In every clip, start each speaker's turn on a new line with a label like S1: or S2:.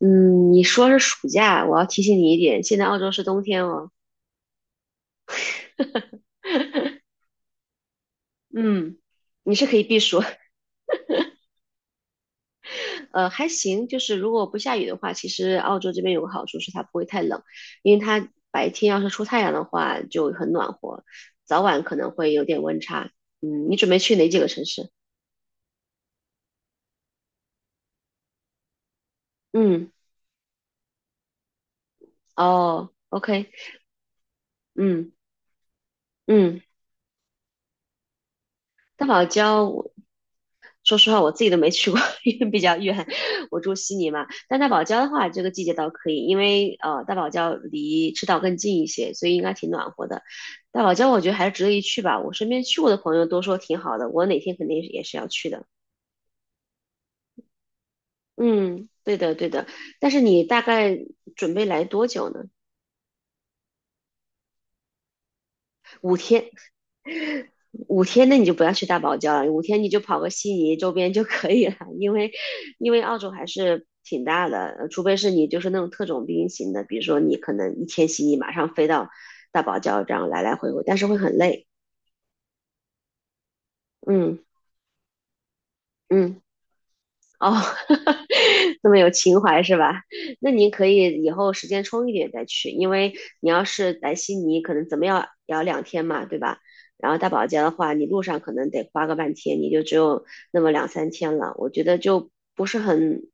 S1: 嗯，你说是暑假，我要提醒你一点，现在澳洲是冬天哦。嗯，你是可以避暑。还行。就是如果不下雨的话，其实澳洲这边有个好处是它不会太冷，因为它白天要是出太阳的话就很暖和，早晚可能会有点温差。嗯，你准备去哪几个城市？嗯，哦，OK，嗯嗯，大堡礁说实话，我自己都没去过。因为比较远，我住悉尼嘛。但大堡礁的话，这个季节倒可以，因为，大堡礁离赤道更近一些，所以应该挺暖和的。大堡礁我觉得还是值得一去吧，我身边去过的朋友都说挺好的，我哪天肯定也是要去的。嗯，对的对的。但是你大概准备来多久呢？五天，五天那你就不要去大堡礁了，五天你就跑个悉尼周边就可以了。因为澳洲还是挺大的，除非是你就是那种特种兵型的，比如说你可能一天悉尼马上飞到大堡礁这样来来回回，但是会很累。嗯嗯。哦，这么有情怀是吧？那您可以以后时间充裕点再去，因为你要是来悉尼，可能怎么样也要两天嘛，对吧？然后大堡礁的话，你路上可能得花个半天，你就只有那么两三天了，我觉得就不是很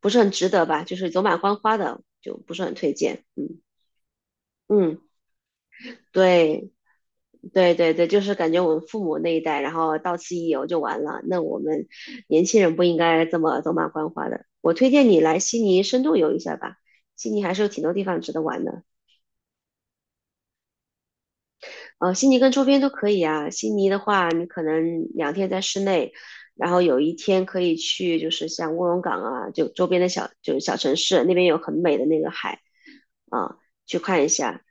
S1: 不是很值得吧，就是走马观花的，就不是很推荐。嗯嗯，对。对对对，就是感觉我们父母那一代，然后到此一游就完了。那我们年轻人不应该这么走马观花的。我推荐你来悉尼深度游一下吧，悉尼还是有挺多地方值得玩的。悉尼跟周边都可以啊。悉尼的话，你可能两天在室内，然后有一天可以去，就是像卧龙岗啊，就周边的小就是小城市，那边有很美的那个海啊，去看一下。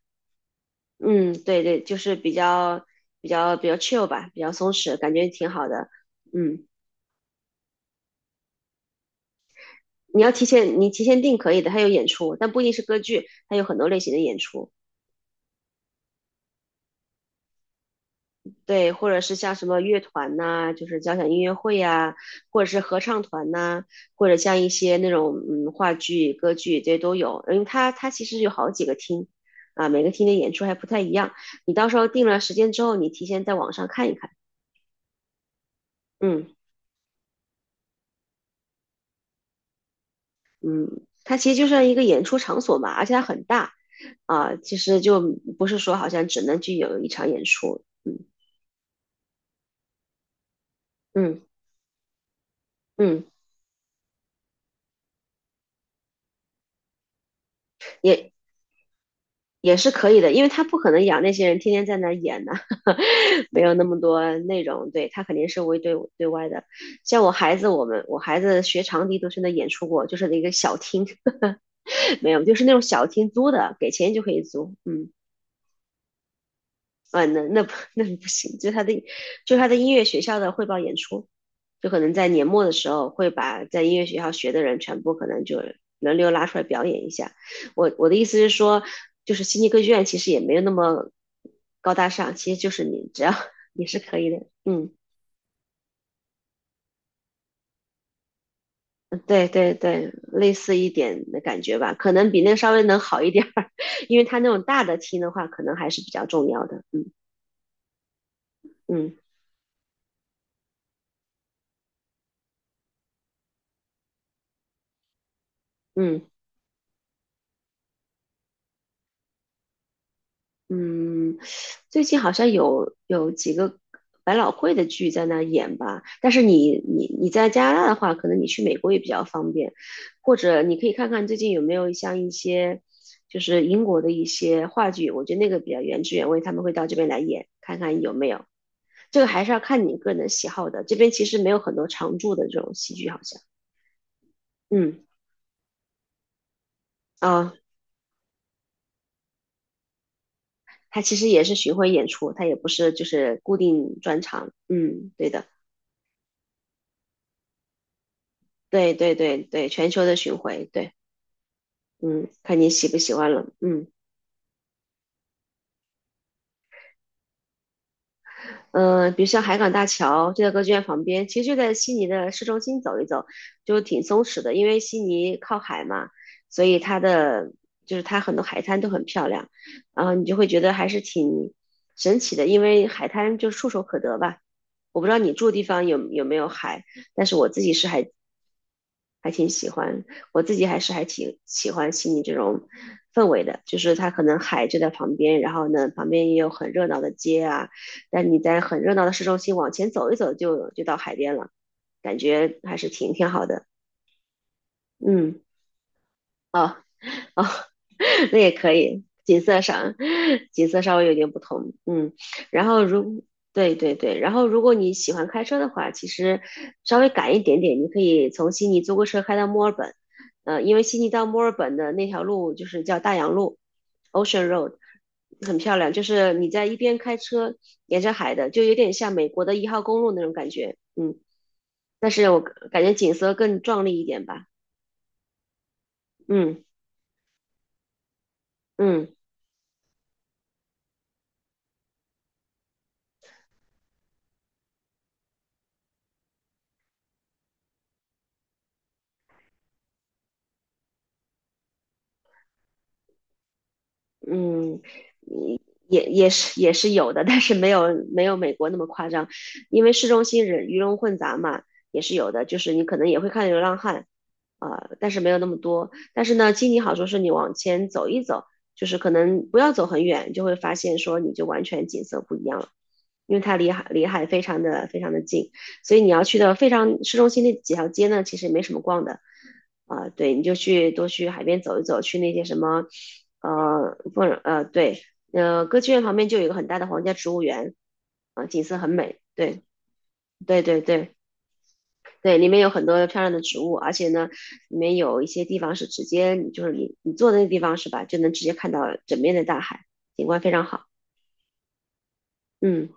S1: 嗯，对对，就是比较 chill 吧，比较松弛，感觉挺好的。嗯，你提前订可以的，它有演出，但不一定是歌剧，它有很多类型的演出。对，或者是像什么乐团呐、就是交响音乐会呀、或者是合唱团呐、或者像一些那种话剧、歌剧这些都有。因为它其实有好几个厅啊，每个厅的演出还不太一样。你到时候定了时间之后，你提前在网上看一看。嗯。嗯，它其实就像一个演出场所嘛，而且它很大啊，其实就不是说好像只能具有一场演出。嗯嗯嗯，也也是可以的，因为他不可能养那些人天天在那儿演呐。没有那么多内容。对，他肯定是为对外的。像我孩子，我孩子学长笛都是那演出过，就是那个小厅。没有，就是那种小厅租的，给钱就可以租，嗯。啊，那不行，就是他的音乐学校的汇报演出，就可能在年末的时候会把在音乐学校学的人全部可能就轮流拉出来表演一下。我的意思是说，就是悉尼歌剧院其实也没有那么高大上，其实就是你只要你是可以的。嗯，对对对，类似一点的感觉吧，可能比那个稍微能好一点儿。因为他那种大的厅的话，可能还是比较重要的。嗯嗯嗯。嗯，最近好像有几个百老汇的剧在那儿演吧，但是你在加拿大的话，可能你去美国也比较方便，或者你可以看看最近有没有像一些就是英国的一些话剧，我觉得那个比较原汁原味，他们会到这边来演，看看有没有。这个还是要看你个人的喜好的，这边其实没有很多常驻的这种戏剧，好像。嗯啊，它其实也是巡回演出，它也不是就是固定专场。嗯，对的。对对对对，全球的巡回，对。嗯，看你喜不喜欢了，嗯。嗯、比如像海港大桥就在歌剧院旁边，其实就在悉尼的市中心走一走，就挺松弛的，因为悉尼靠海嘛，所以它的就是它很多海滩都很漂亮，然后你就会觉得还是挺神奇的，因为海滩就触手可得吧。我不知道你住的地方有没有海，但是我自己是还挺喜欢，我自己还是还挺喜欢悉尼这种氛围的，就是它可能海就在旁边，然后呢，旁边也有很热闹的街啊，但你在很热闹的市中心往前走一走就到海边了，感觉还是挺好的。嗯，哦哦。那也可以，景色上，景色稍微有点不同。嗯，然后如，对对对，然后如果你喜欢开车的话，其实稍微赶一点点，你可以从悉尼租个车开到墨尔本，因为悉尼到墨尔本的那条路就是叫大洋路 （Ocean Road），很漂亮，就是你在一边开车沿着海的，就有点像美国的1号公路那种感觉。嗯，但是我感觉景色更壮丽一点吧。嗯嗯。嗯，也是有的，但是没有美国那么夸张，因为市中心人鱼龙混杂嘛，也是有的，就是你可能也会看流浪汉，啊、但是没有那么多。但是呢，经济好处是你往前走一走，就是可能不要走很远，就会发现说你就完全景色不一样了，因为它离海非常的非常的近，所以你要去的非常市中心那几条街呢，其实没什么逛的。啊、对，你就去多去海边走一走，去那些什么，不，对，歌剧院旁边就有一个很大的皇家植物园，啊、景色很美，对，对对对对，里面有很多漂亮的植物，而且呢，里面有一些地方是直接，就是你坐的那地方是吧，就能直接看到整面的大海，景观非常好。嗯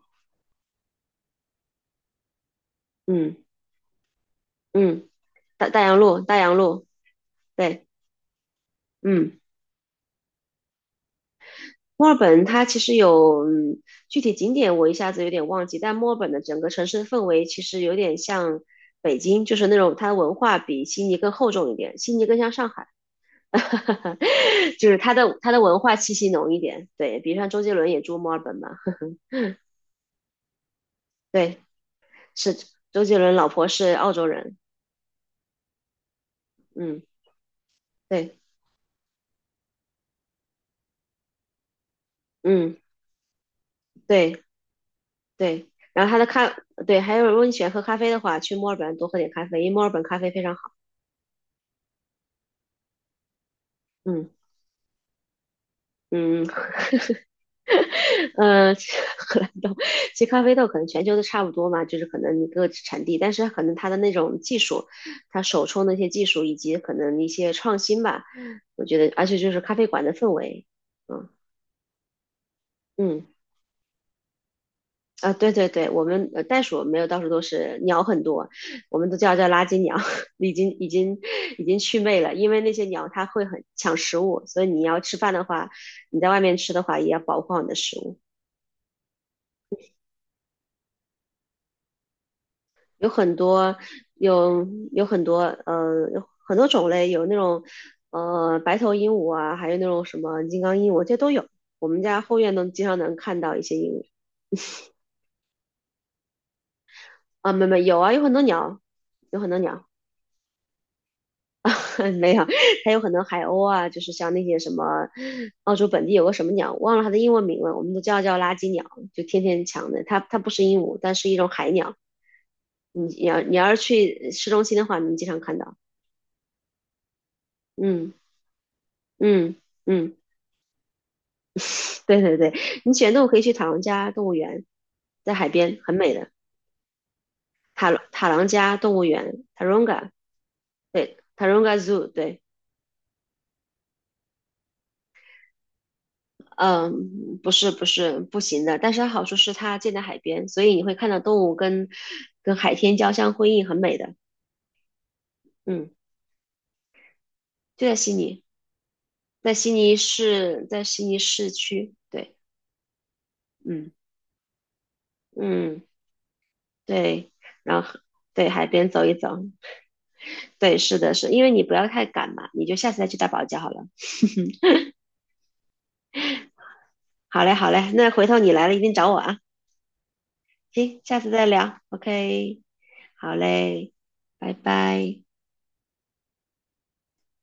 S1: 嗯嗯，大洋路，对，嗯。墨尔本它其实有，嗯，具体景点我一下子有点忘记，但墨尔本的整个城市的氛围其实有点像北京，就是那种它的文化比悉尼更厚重一点，悉尼更像上海。就是它的文化气息浓一点。对，比如像周杰伦也住墨尔本嘛。对，是周杰伦老婆是澳洲人，嗯，对，嗯，对对，然后他的咖，对，还有如果你喜欢喝咖啡的话，去墨尔本多喝点咖啡，因为墨尔本咖啡非常好。嗯。嗯，嗯。荷兰豆，其实咖啡豆可能全球都差不多嘛，就是可能一个产地，但是可能它的那种技术，它手冲的一些技术以及可能一些创新吧，我觉得，而且就是咖啡馆的氛围，嗯嗯啊，对对对，我们袋鼠没有到处都是，鸟很多，我们都叫垃圾鸟。已经已经已经祛魅了，因为那些鸟它会很抢食物，所以你要吃饭的话，你在外面吃的话也要保护好你的食物。有很多有有很多有很多种类，有那种白头鹦鹉啊，还有那种什么金刚鹦鹉，这都有。我们家后院能经常能看到一些鹦鹉啊，没有啊，有很多鸟，有很多鸟。没有，还有很多海鸥啊，就是像那些什么澳洲本地有个什么鸟，忘了它的英文名了，我们都叫它叫垃圾鸟，就天天抢的。它不是鹦鹉，但是一种海鸟。你要是去市中心的话，你经常看到。嗯嗯嗯。对对对，你喜欢动物可以去塔朗加动物园，在海边很美的塔朗加动物园 （Taronga），对，Taronga Zoo，对。嗯，不行的，但是它好处是它建在海边，所以你会看到动物跟海天交相辉映，很美的。嗯，就在悉尼，在悉尼市，在悉尼市区，对。嗯嗯对，然后对海边走一走，对，是的是，因为你不要太赶嘛，你就下次再去大堡礁好了。好嘞，好嘞，那回头你来了一定找我啊。行，下次再聊。OK，好嘞，拜拜。